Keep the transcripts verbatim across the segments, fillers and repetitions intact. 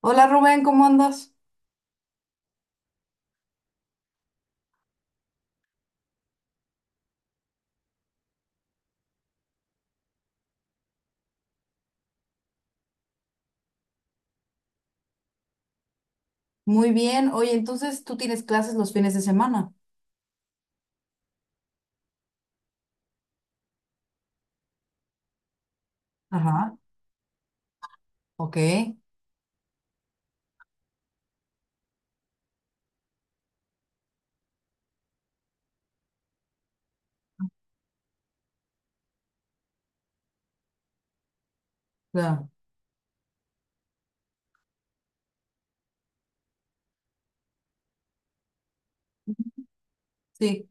Hola Rubén, ¿cómo andas? Muy bien. Oye, entonces tú tienes clases los fines de semana. Ajá, ok. Claro. Sí,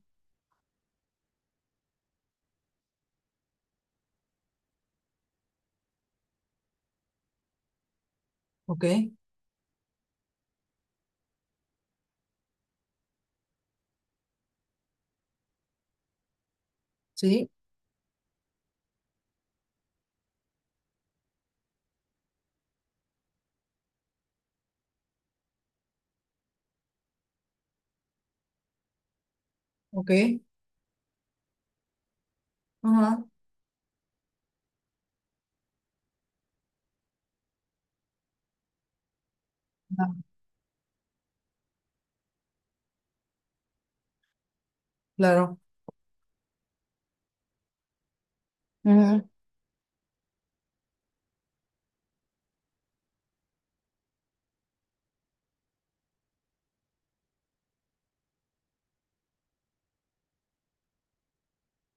ok. Sí, ok. Ajá, ah, claro. Ujú.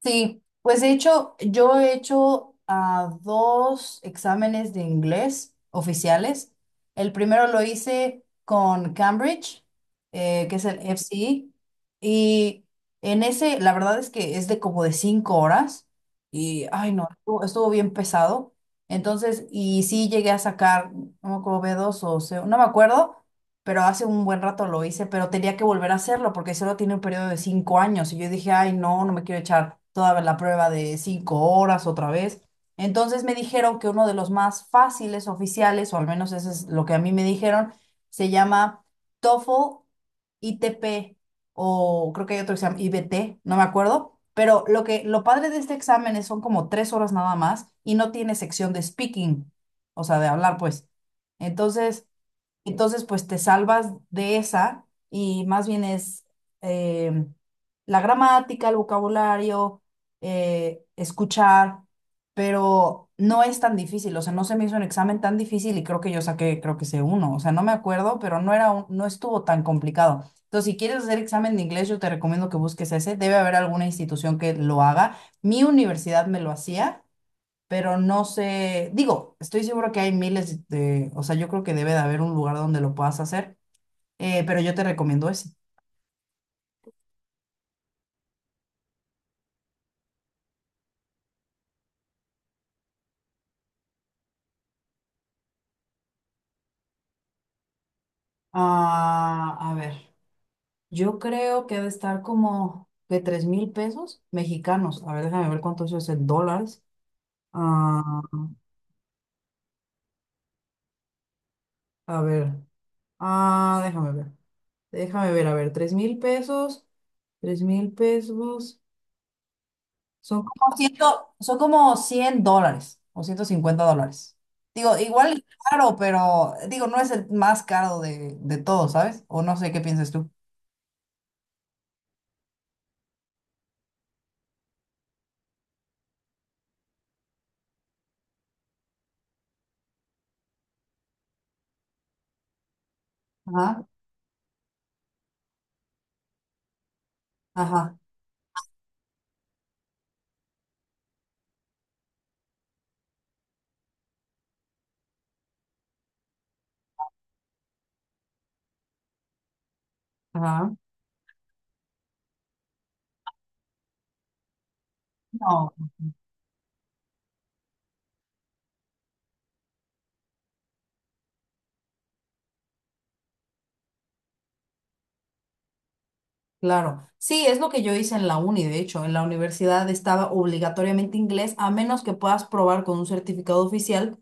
Sí, pues de hecho, yo he hecho ah, dos exámenes de inglés oficiales. El primero lo hice con Cambridge, eh, que es el F C E, y en ese, la verdad es que es de como de cinco horas, y ay no, estuvo, estuvo bien pesado. Entonces, y sí llegué a sacar, no me acuerdo, b dos o C, no me acuerdo, pero hace un buen rato lo hice, pero tenía que volver a hacerlo porque solo tiene un periodo de cinco años y yo dije, ay, no, no me quiero echar toda la prueba de cinco horas otra vez. Entonces me dijeron que uno de los más fáciles oficiales, o al menos eso es lo que a mí me dijeron, se llama TOEFL I T P o creo que hay otro que se llama I B T, no me acuerdo. Pero lo que lo padre de este examen es son como tres horas nada más y no tiene sección de speaking, o sea, de hablar, pues. Entonces, entonces, pues te salvas de esa y más bien es eh, la gramática, el vocabulario, eh, escuchar, pero no es tan difícil. O sea, no se me hizo un examen tan difícil y creo que yo saqué, creo que sé uno. O sea, no me acuerdo, pero no era un- no estuvo tan complicado. Entonces, si quieres hacer examen de inglés, yo te recomiendo que busques ese. Debe haber alguna institución que lo haga. Mi universidad me lo hacía, pero no sé, digo, estoy seguro que hay miles de, o sea, yo creo que debe de haber un lugar donde lo puedas hacer, eh, pero yo te recomiendo ese. Ah, a ver, yo creo que ha de estar como de tres mil pesos mexicanos. A ver, déjame ver cuánto eso es en dólares. Ah, a ver, ah, déjame ver, déjame ver, a ver, tres mil pesos, tres mil pesos. Son como cien, son como cien dólares o ciento cincuenta dólares. Digo, igual es caro, pero digo, no es el más caro de, de todo, ¿sabes? O no sé qué piensas tú. Ajá, ajá, ajá. No. Claro, sí, es lo que yo hice en la uni, de hecho, en la universidad estaba obligatoriamente inglés, a menos que puedas probar con un certificado oficial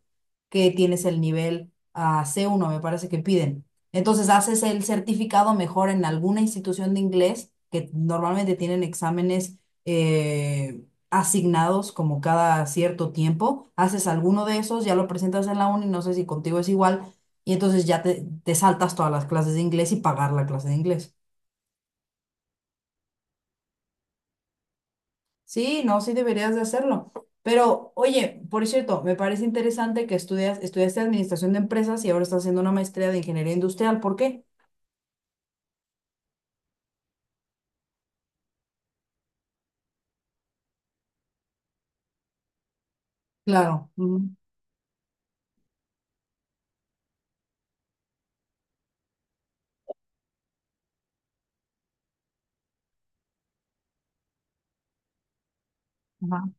que tienes el nivel ah, c uno, me parece que piden. Entonces haces el certificado mejor en alguna institución de inglés, que normalmente tienen exámenes eh, asignados como cada cierto tiempo, haces alguno de esos, ya lo presentas en la uni, no sé si contigo es igual, y entonces ya te, te saltas todas las clases de inglés y pagar la clase de inglés. Sí, no, sí deberías de hacerlo. Pero, oye, por cierto, me parece interesante que estudias, estudiaste administración de empresas y ahora estás haciendo una maestría de ingeniería industrial. ¿Por qué? Claro. Ujú, ajá,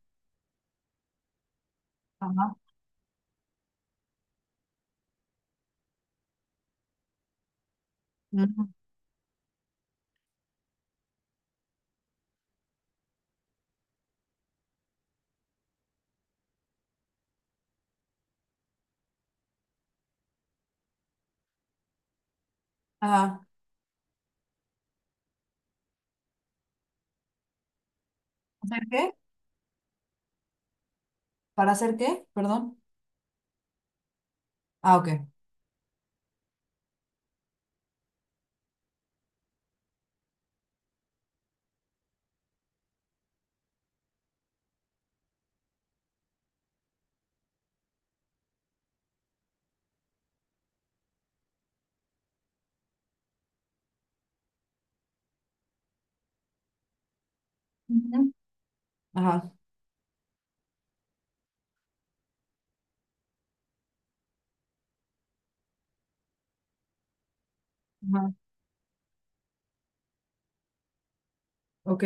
ajá, ujú, ajá. ¿Hacer qué? ¿Para hacer qué? Perdón. Ah, ok. Ujú. Ajá. Ajá. Ok,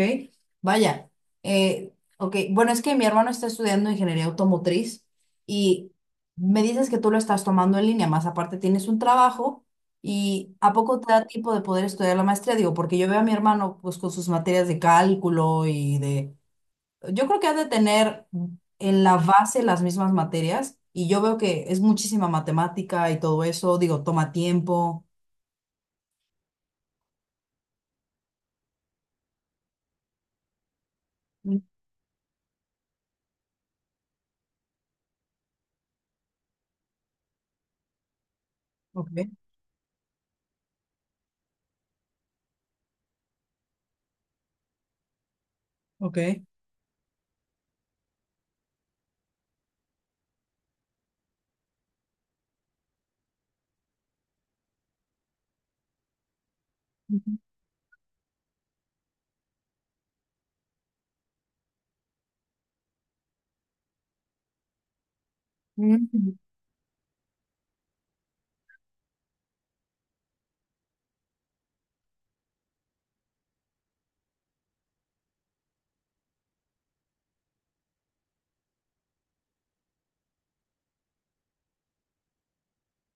vaya. Eh, ok, bueno, es que mi hermano está estudiando ingeniería automotriz y me dices que tú lo estás tomando en línea, más aparte tienes un trabajo y ¿a poco te da tiempo de poder estudiar la maestría? Digo, porque yo veo a mi hermano pues con sus materias de cálculo y de... Yo creo que ha de tener en la base las mismas materias y yo veo que es muchísima matemática y todo eso, digo, toma tiempo. Mm, ok, ok. Ujú. Mm,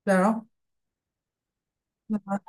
claro. Ajá.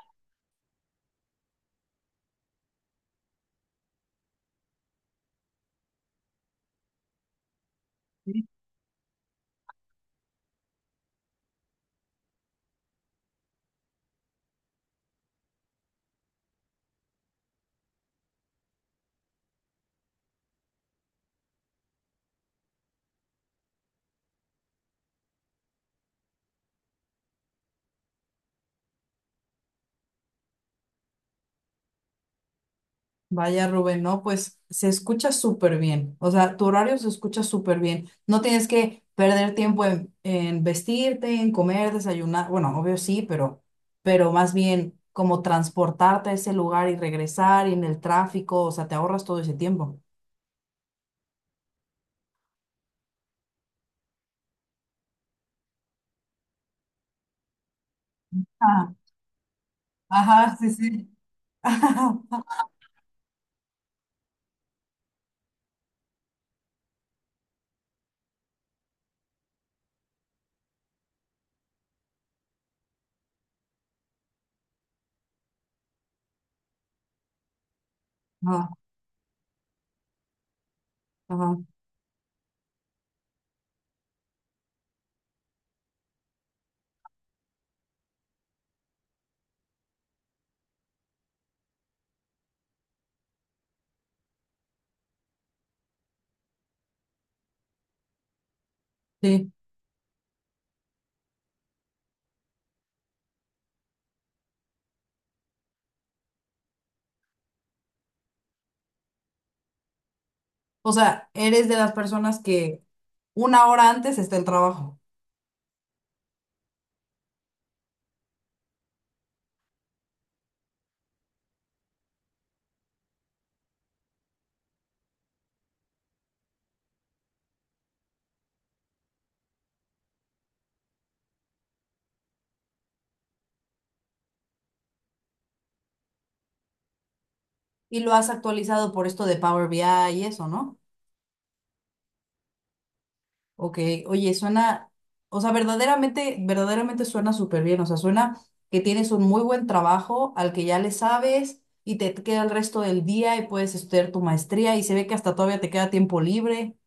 Vaya Rubén, no, pues se escucha súper bien, o sea, tu horario se escucha súper bien, no tienes que perder tiempo en, en vestirte, en comer, desayunar, bueno, obvio sí, pero, pero más bien como transportarte a ese lugar y regresar y en el tráfico, o sea, te ahorras todo ese tiempo. Ah, ajá, sí, sí. Ajá, ajá, sí. O sea, eres de las personas que una hora antes está el trabajo y lo has actualizado por esto de Power B I y eso, ¿no? Ok, oye, suena, o sea, verdaderamente, verdaderamente suena súper bien, o sea, suena que tienes un muy buen trabajo al que ya le sabes y te queda el resto del día y puedes estudiar tu maestría y se ve que hasta todavía te queda tiempo libre.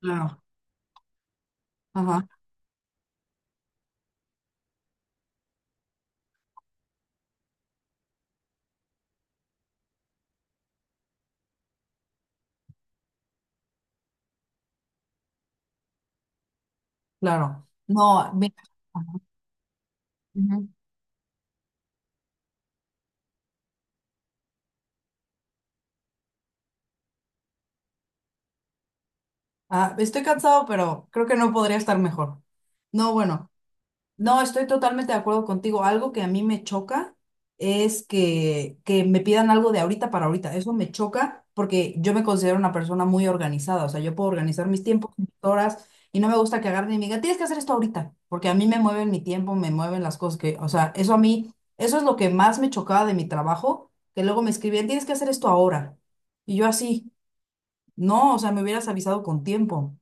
Claro. Ajá, claro. No, mira, ajá, ujú. Ah, estoy cansado, pero creo que no podría estar mejor. No, bueno. No, estoy totalmente de acuerdo contigo. Algo que a mí me choca es que, que me pidan algo de ahorita para ahorita. Eso me choca porque yo me considero una persona muy organizada. O sea, yo puedo organizar mis tiempos, mis horas, y no me gusta que agarren y me digan, tienes que hacer esto ahorita, porque a mí me mueven mi tiempo, me mueven las cosas que, o sea, eso a mí, eso es lo que más me chocaba de mi trabajo, que luego me escribían, tienes que hacer esto ahora. Y yo así, no, o sea, me hubieras avisado con tiempo.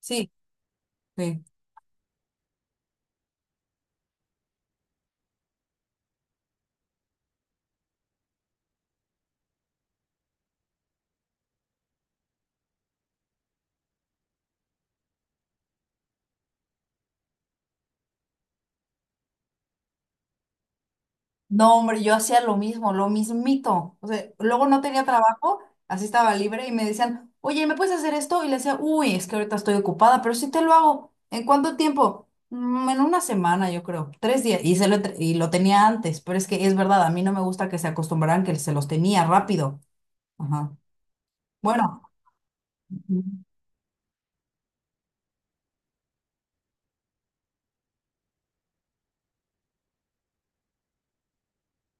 Sí, sí. No, hombre, yo hacía lo mismo, lo mismito. O sea, luego no tenía trabajo, así estaba libre y me decían, oye, ¿me puedes hacer esto? Y le decía, uy, es que ahorita estoy ocupada, pero sí te lo hago. ¿En cuánto tiempo? "Mm, en una semana, yo creo, tres días. Y, se lo, entre- y lo tenía antes, pero es que es verdad, a mí no me gusta que se acostumbraran que se los tenía rápido. Ajá. Bueno, ujú,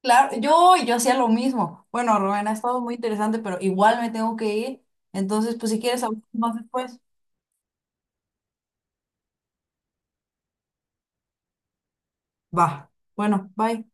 claro, yo, yo hacía lo mismo. Bueno, Rubén, ha estado muy interesante, pero igual me tengo que ir. Entonces, pues si quieres, hablamos más después. Va. Bueno, bye.